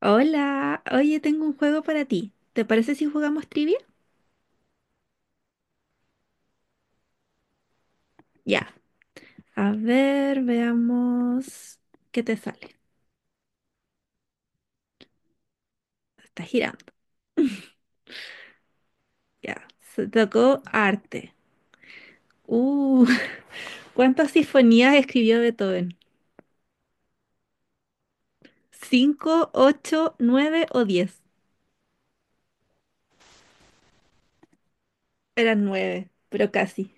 Hola, oye, tengo un juego para ti. ¿Te parece si jugamos trivia? Ya. A ver, veamos qué te sale. Está girando. Ya. Se tocó arte. Uh, ¿cuántas sinfonías escribió Beethoven? ¿Cinco, ocho, nueve o 10? Eran nueve, pero casi.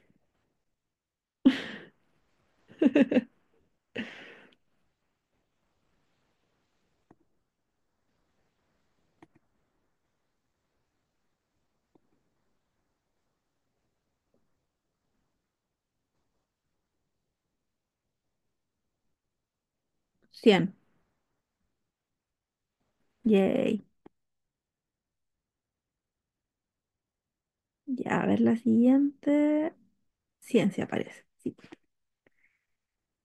100. Yay. Ya, a ver la siguiente. Ciencia parece. Sí.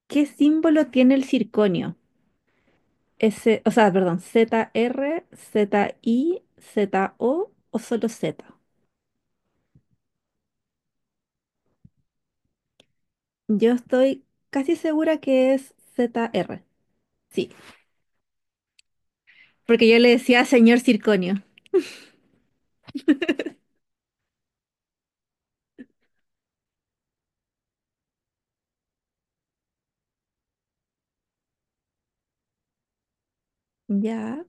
¿Qué símbolo tiene el circonio? S, o sea, perdón, Zr Z I Z o solo Z. Yo estoy casi segura que es Zr, sí, porque yo le decía señor Circonio. Ya,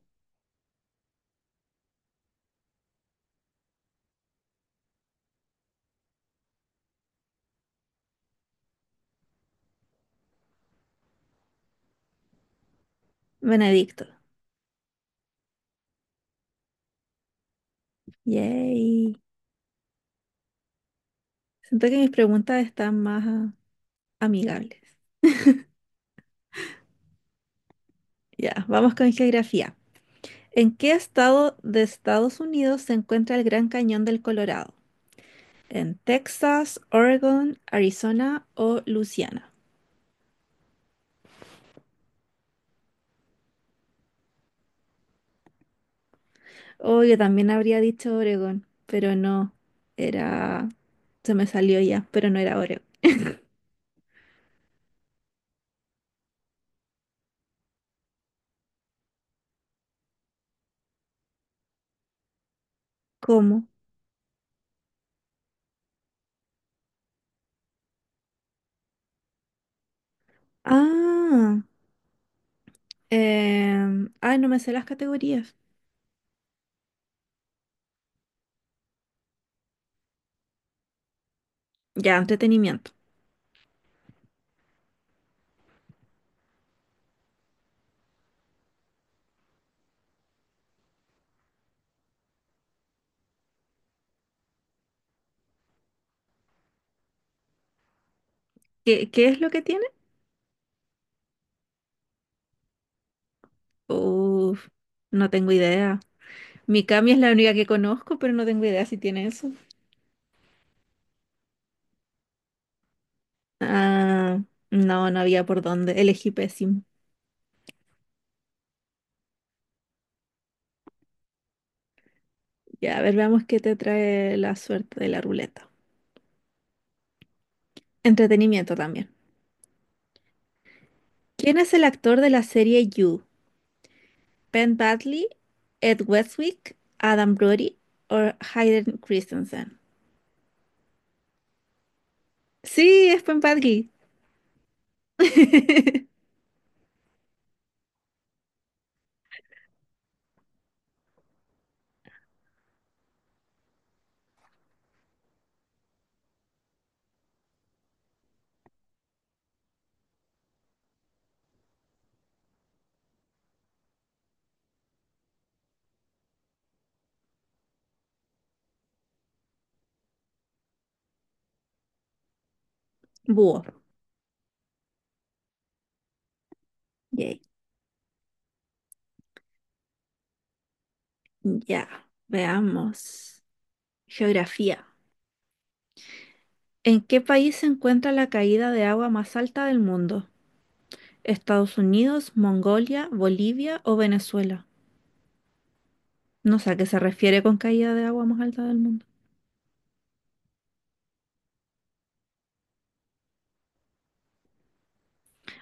Benedicto. Yay. Siento que mis preguntas están más amigables. Ya, vamos con geografía. ¿En qué estado de Estados Unidos se encuentra el Gran Cañón del Colorado? ¿En Texas, Oregon, Arizona o Luisiana? Oh, yo también habría dicho Oregón, pero no, era... Se me salió ya, pero no era Oregón. ¿Cómo? Ah, ay, no me sé las categorías. Ya, entretenimiento. ¿Qué es lo que tiene? Uf, no tengo idea. Mikami es la única que conozco, pero no tengo idea si tiene eso. Ah, no, no había por dónde. Elegí pésimo. Ya, a ver, veamos qué te trae la suerte de la ruleta. Entretenimiento también. ¿Quién es el actor de la serie You? Ben Badley, Ed Westwick, Adam Brody o Hayden Christensen. Sí, es Ben Badley. Búho. Yay. Ya, veamos. Geografía. ¿En qué país se encuentra la caída de agua más alta del mundo? ¿Estados Unidos, Mongolia, Bolivia o Venezuela? No sé a qué se refiere con caída de agua más alta del mundo.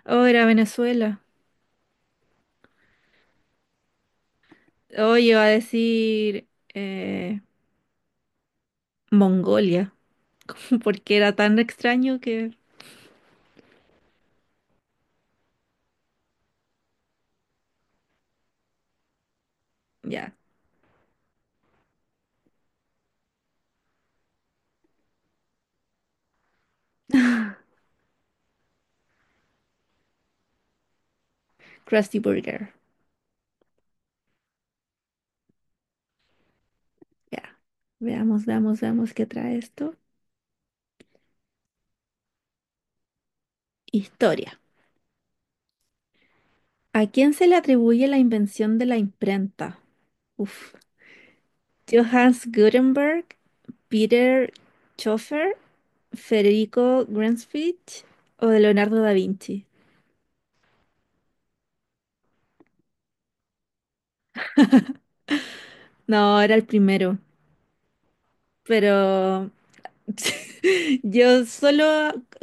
Oh, era Venezuela. Oh, yo iba a decir eh, Mongolia, porque era tan extraño que ya, Krusty Burger. Ya, veamos, veamos, veamos qué trae esto. Historia. ¿A quién se le atribuye la invención de la imprenta? Uf. Johannes Gutenberg, Peter Schoeffer, Federico Gransfitch o Leonardo da Vinci. No, era el primero, pero yo solo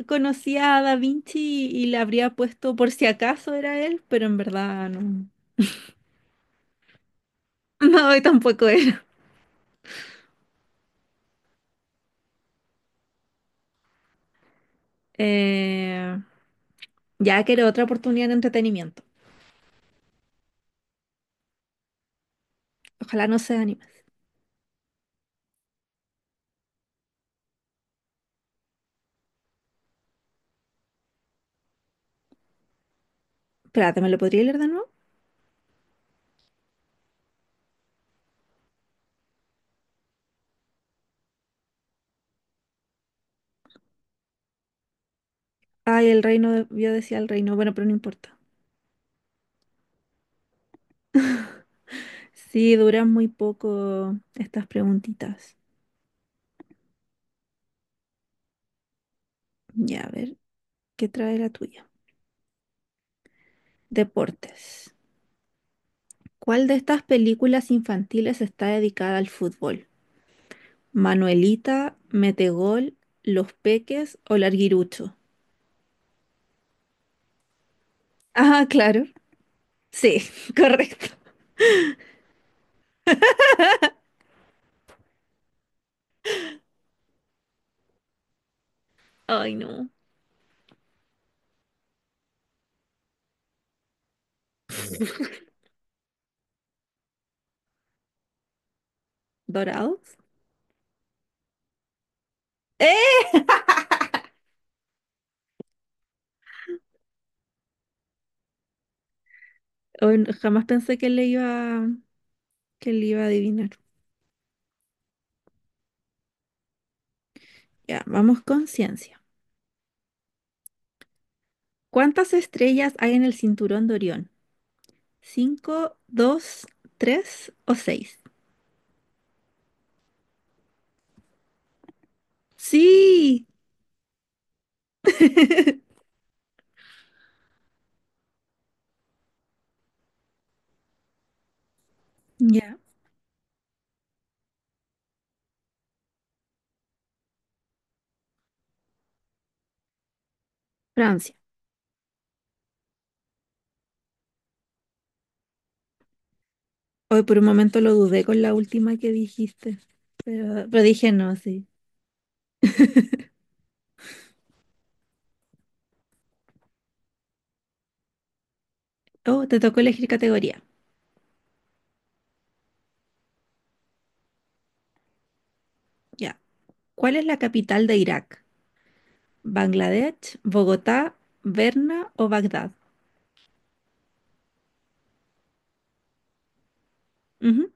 conocía a da Vinci y le habría puesto por si acaso era él, pero en verdad no. No, y tampoco es. Eh, ya quiero otra oportunidad de entretenimiento. Ojalá no se anime. Espérate, ¿me lo podría leer de nuevo? Ay, el reino, de- yo decía el reino, bueno, pero no importa. Sí, duran muy poco estas preguntitas. Ya, a ver, ¿qué trae la tuya? Deportes. ¿Cuál de estas películas infantiles está dedicada al fútbol? ¿Manuelita, Metegol, Los Peques o Larguirucho? Ah, claro. Sí, correcto. Ay, no. ¿Dorados? ¡Eh! Hoy n- jamás pensé que le iba a adivinar. Ya, vamos con ciencia. ¿Cuántas estrellas hay en el cinturón de Orión? ¿Cinco, dos, tres o seis? Sí, ya. Francia. Hoy por un momento lo dudé con la última que dijiste, pero dije no, sí. Oh, te tocó elegir categoría. Ya. ¿Cuál es la capital de Irak? ¿Bangladesh, Bogotá, Berna o Bagdad? Ujú.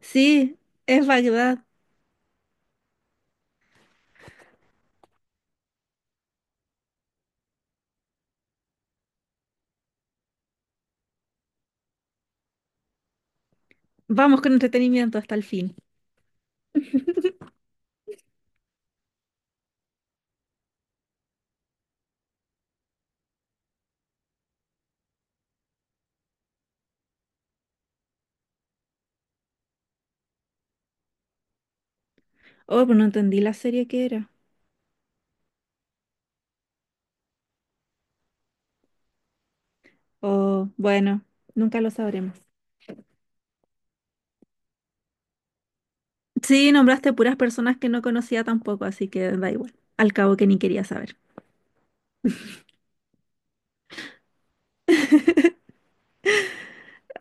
Sí, es Bagdad. Vamos con entretenimiento hasta el fin. Oh, pero no entendí la serie que era. Oh, bueno, nunca lo sabremos. Sí, nombraste puras personas que no conocía tampoco, así que da igual. Al cabo que ni quería saber.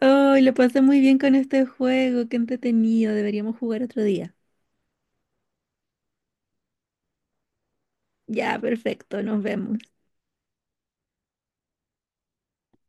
Oh, lo pasé muy bien con este juego, qué entretenido. Deberíamos jugar otro día. Ya, perfecto, nos vemos.